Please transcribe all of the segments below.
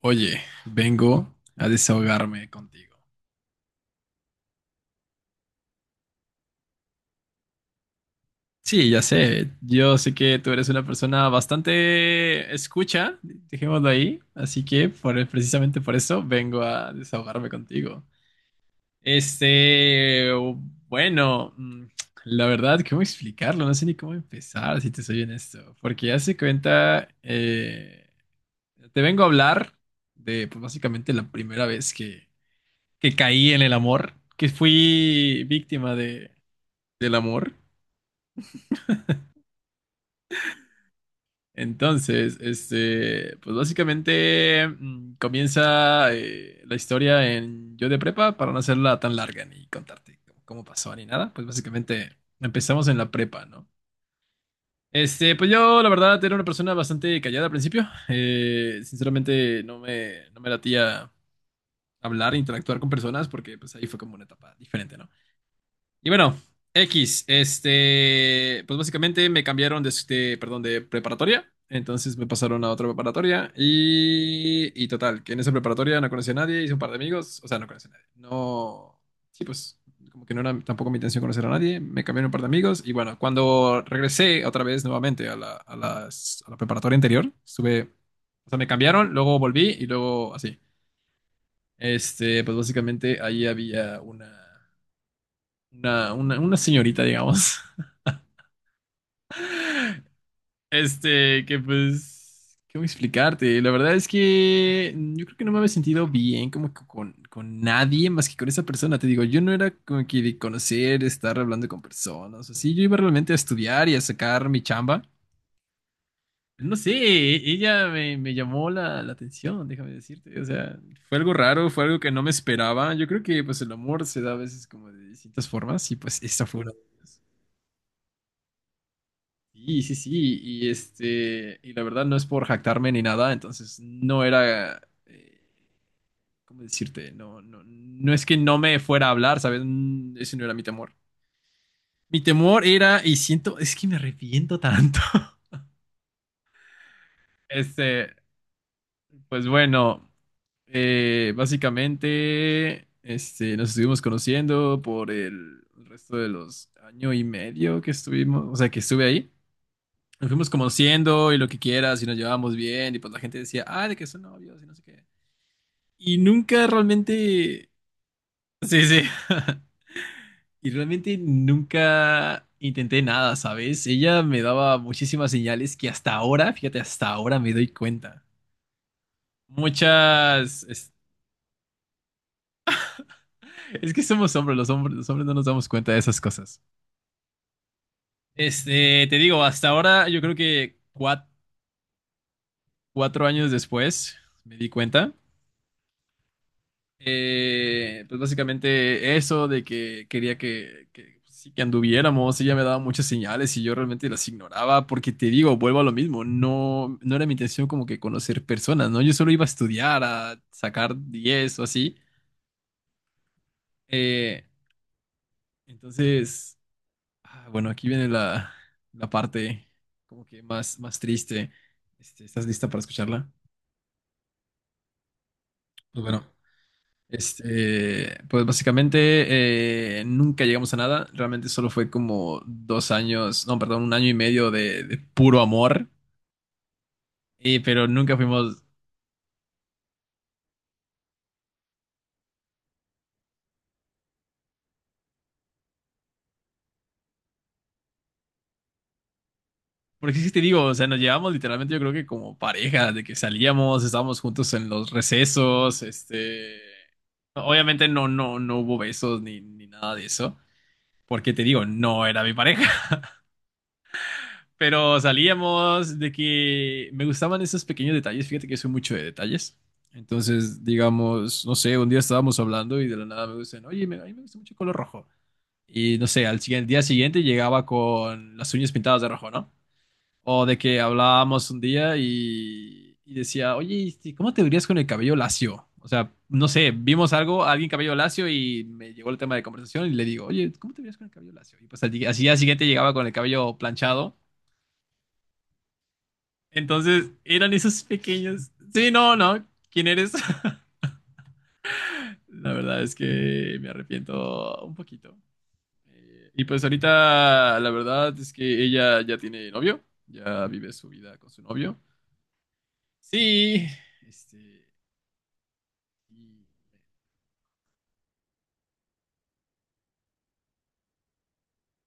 Oye, vengo a desahogarme contigo. Sí, ya sé, yo sé que tú eres una persona bastante escucha, dejémoslo ahí, así que precisamente por eso vengo a desahogarme contigo. Este, bueno, la verdad, ¿cómo explicarlo? No sé ni cómo empezar, si te soy honesto, porque ya se cuenta, te vengo a hablar de, pues básicamente la primera vez que caí en el amor, que fui víctima del amor. Entonces, pues básicamente comienza la historia en yo de prepa para no hacerla tan larga ni contarte cómo pasó ni nada. Pues básicamente empezamos en la prepa, ¿no? Pues yo la verdad era una persona bastante callada al principio. Sinceramente no me latía hablar, interactuar con personas porque pues ahí fue como una etapa diferente, ¿no? Y bueno, X, pues básicamente me cambiaron, perdón, de preparatoria, entonces me pasaron a otra preparatoria y total, que en esa preparatoria no conocí a nadie, hice un par de amigos, o sea, no conocí a nadie, no, sí, pues como que no era tampoco mi intención conocer a nadie, me cambiaron un par de amigos y bueno, cuando regresé otra vez nuevamente a la preparatoria anterior, estuve, o sea, me cambiaron, luego volví y luego así. Pues básicamente ahí había una señorita, digamos. Que pues, ¿cómo explicarte? La verdad es que yo creo que no me había sentido bien como que con nadie más que con esa persona. Te digo, yo no era como que de conocer, estar hablando con personas, así. Yo iba realmente a estudiar y a sacar mi chamba. No sé, ella me llamó la atención, déjame decirte. O sea, fue algo raro, fue algo que no me esperaba. Yo creo que pues el amor se da a veces como de distintas formas y pues esta fue una de ellas. Sí, sí, sí, y la verdad no es por jactarme ni nada, entonces no era, eh, ¿cómo decirte? No, no, no es que no me fuera a hablar, ¿sabes? Ese no era mi temor. Mi temor era, y siento, es que me arrepiento tanto. Este, pues bueno, básicamente, nos estuvimos conociendo por el resto de los año y medio que estuvimos, o sea, que estuve ahí. Nos fuimos conociendo y lo que quieras y nos llevábamos bien y pues la gente decía, ah, de que son novios y no sé qué. Y nunca realmente. Sí, sí. Y realmente nunca intenté nada, ¿sabes? Ella me daba muchísimas señales que hasta ahora, fíjate, hasta ahora me doy cuenta. Muchas. Es que somos hombres, los hombres, los hombres no nos damos cuenta de esas cosas. Te digo, hasta ahora yo creo que 4 años después me di cuenta. Pues básicamente eso de que quería sí, que anduviéramos, ella me daba muchas señales y yo realmente las ignoraba porque te digo, vuelvo a lo mismo, no, no era mi intención como que conocer personas, ¿no? Yo solo iba a estudiar, a sacar 10 o así. Eh, entonces, ah, bueno, aquí viene la parte como que más, más triste. ¿Estás lista para escucharla? Pues bueno. Pues básicamente nunca llegamos a nada. Realmente solo fue como 2 años, no, perdón, un año y medio de puro amor. Pero nunca fuimos, porque sí sí te digo, o sea, nos llevamos literalmente, yo creo que como pareja, de que salíamos, estábamos juntos en los recesos. Obviamente no, no, no hubo besos ni nada de eso, porque te digo, no era mi pareja. Pero salíamos de que me gustaban esos pequeños detalles. Fíjate que soy mucho de detalles. Entonces, digamos, no sé, un día estábamos hablando y de la nada me dicen, oye, a mí me gusta mucho el color rojo. Y no sé, día siguiente llegaba con las uñas pintadas de rojo, ¿no? O de que hablábamos un día y decía, oye, ¿cómo te verías con el cabello lacio? O sea, no sé, vimos algo, alguien cabello lacio y me llegó el tema de conversación y le digo, oye, ¿cómo te verías con el cabello lacio? Y pues al día siguiente llegaba con el cabello planchado. Entonces, eran esos pequeños. Sí, no, no. ¿Quién eres? La verdad es que me arrepiento un poquito. Y pues ahorita la verdad es que ella ya tiene novio, ya vive su vida con su novio. Sí, este... y,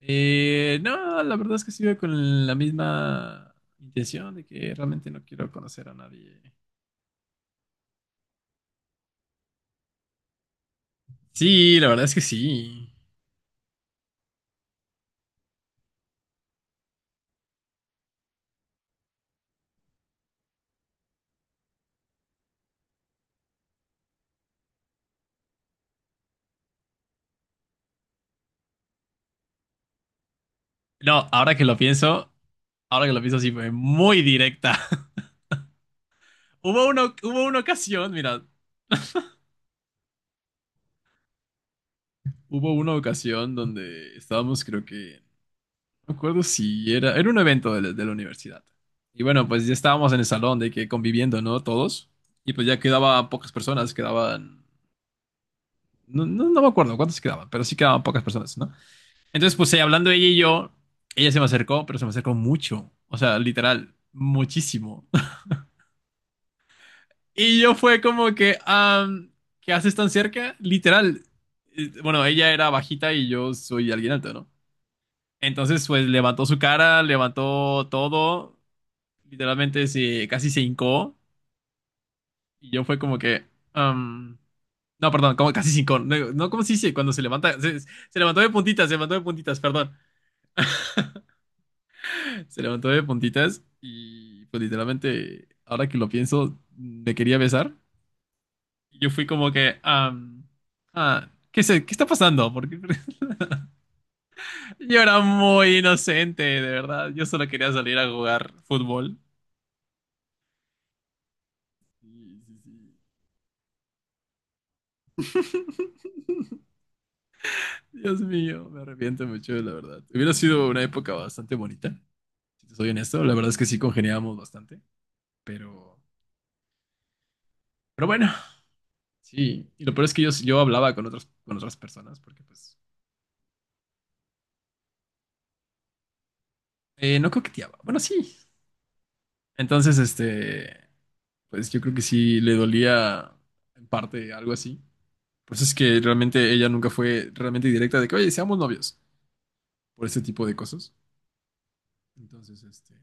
no, la verdad es que sigo con la misma intención de que realmente no quiero conocer a nadie. Sí, la verdad es que sí. No, ahora que lo pienso sí fue muy directa. Mira, hubo una ocasión donde estábamos, creo que, no me acuerdo si era un evento de la universidad. Y bueno, pues ya estábamos en el salón de que conviviendo, ¿no? Todos. Y pues ya quedaban pocas personas, quedaban, no, no, no me acuerdo cuántas quedaban, pero sí quedaban pocas personas, ¿no? Entonces, pues ahí hablando ella y yo, ella se me acercó, pero se me acercó mucho. O sea, literal, muchísimo. Y yo fue como que, ¿qué haces tan cerca? Literal. Bueno, ella era bajita y yo soy alguien alto, ¿no? Entonces, pues levantó su cara, levantó todo, literalmente casi se hincó. Y yo fue como que, am, no, perdón, como casi se hincó. No, no, ¿cómo se dice? Cuando se levanta, se levantó de puntitas, se levantó de puntitas, perdón. Se levantó de puntitas y pues literalmente, ahora que lo pienso, me quería besar. Y yo fui como que, ah, ¿qué sé, qué está pasando? Porque yo era muy inocente, de verdad. Yo solo quería salir a jugar fútbol. Sí, sí, sí. Dios mío, me arrepiento mucho, la verdad. Hubiera sido una época bastante bonita, si te soy honesto. La verdad es que sí congeniábamos bastante, pero, pero bueno, sí. Y lo peor es que yo hablaba con otras personas, porque pues, no coqueteaba. Bueno, sí. Entonces, pues yo creo que sí le dolía en parte algo así. Pues es que realmente ella nunca fue realmente directa de que, oye, seamos novios por ese tipo de cosas. Entonces,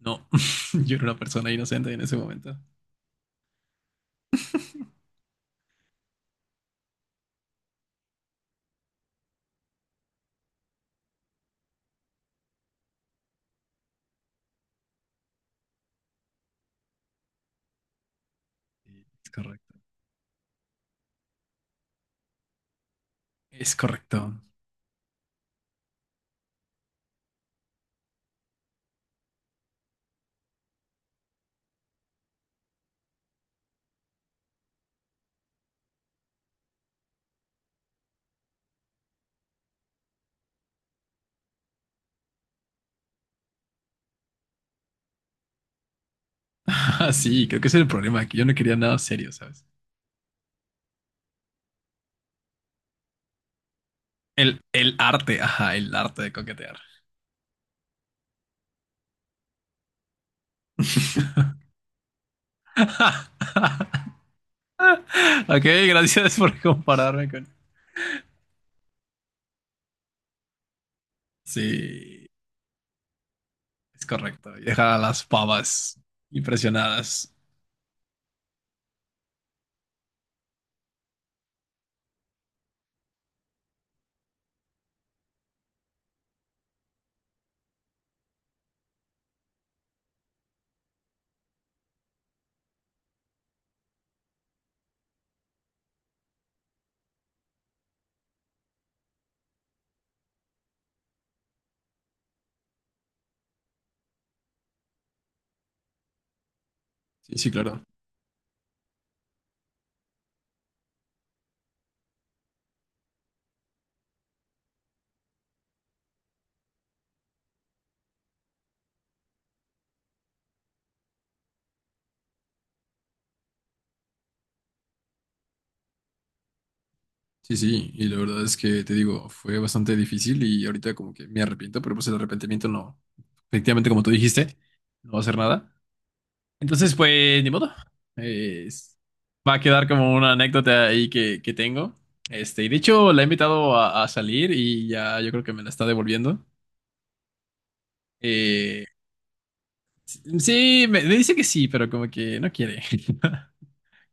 no, yo era una persona inocente en ese momento. Y es correcto. Es correcto. Ah, sí, creo que ese era el problema, que yo no quería nada serio, ¿sabes? El arte, ajá, el arte de coquetear. Ok, gracias por compararme con. Sí, es correcto. Y dejar a las pavas impresionadas. Sí, sí, claro. Sí, sí, y la verdad es que te digo, fue bastante difícil y ahorita como que me arrepiento, pero pues el arrepentimiento no, efectivamente como tú dijiste, no va a hacer nada. Entonces, pues, ni modo. Eh, es- Va a quedar como una anécdota ahí que tengo. Y de hecho la he invitado a salir y ya yo creo que me la está devolviendo. Eh, sí, me dice que sí, pero como que no quiere.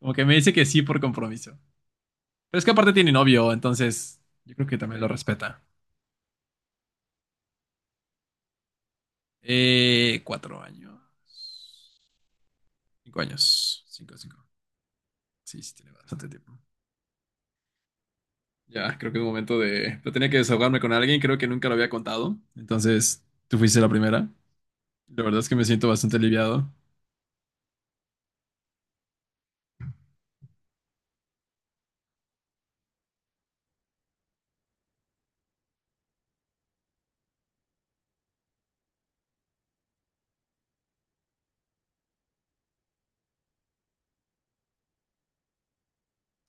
Como que me dice que sí por compromiso. Pero es que aparte tiene novio, entonces yo creo que también lo respeta. 4 años. 5 años. Cinco, cinco. Sí, sí, tiene bastante tiempo. Ya, creo que es momento de. Pero tenía que desahogarme con alguien, creo que nunca lo había contado. Entonces, tú fuiste la primera. La verdad es que me siento bastante aliviado.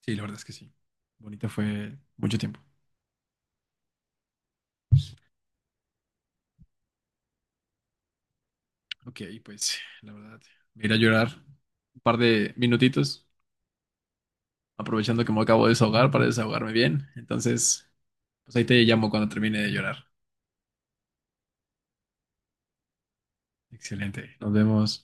Sí, la verdad es que sí. Bonita fue mucho tiempo. Ok, pues la verdad, me iré a llorar un par de minutitos, aprovechando que me acabo de desahogar para desahogarme bien. Entonces, pues ahí te llamo cuando termine de llorar. Excelente. Nos vemos.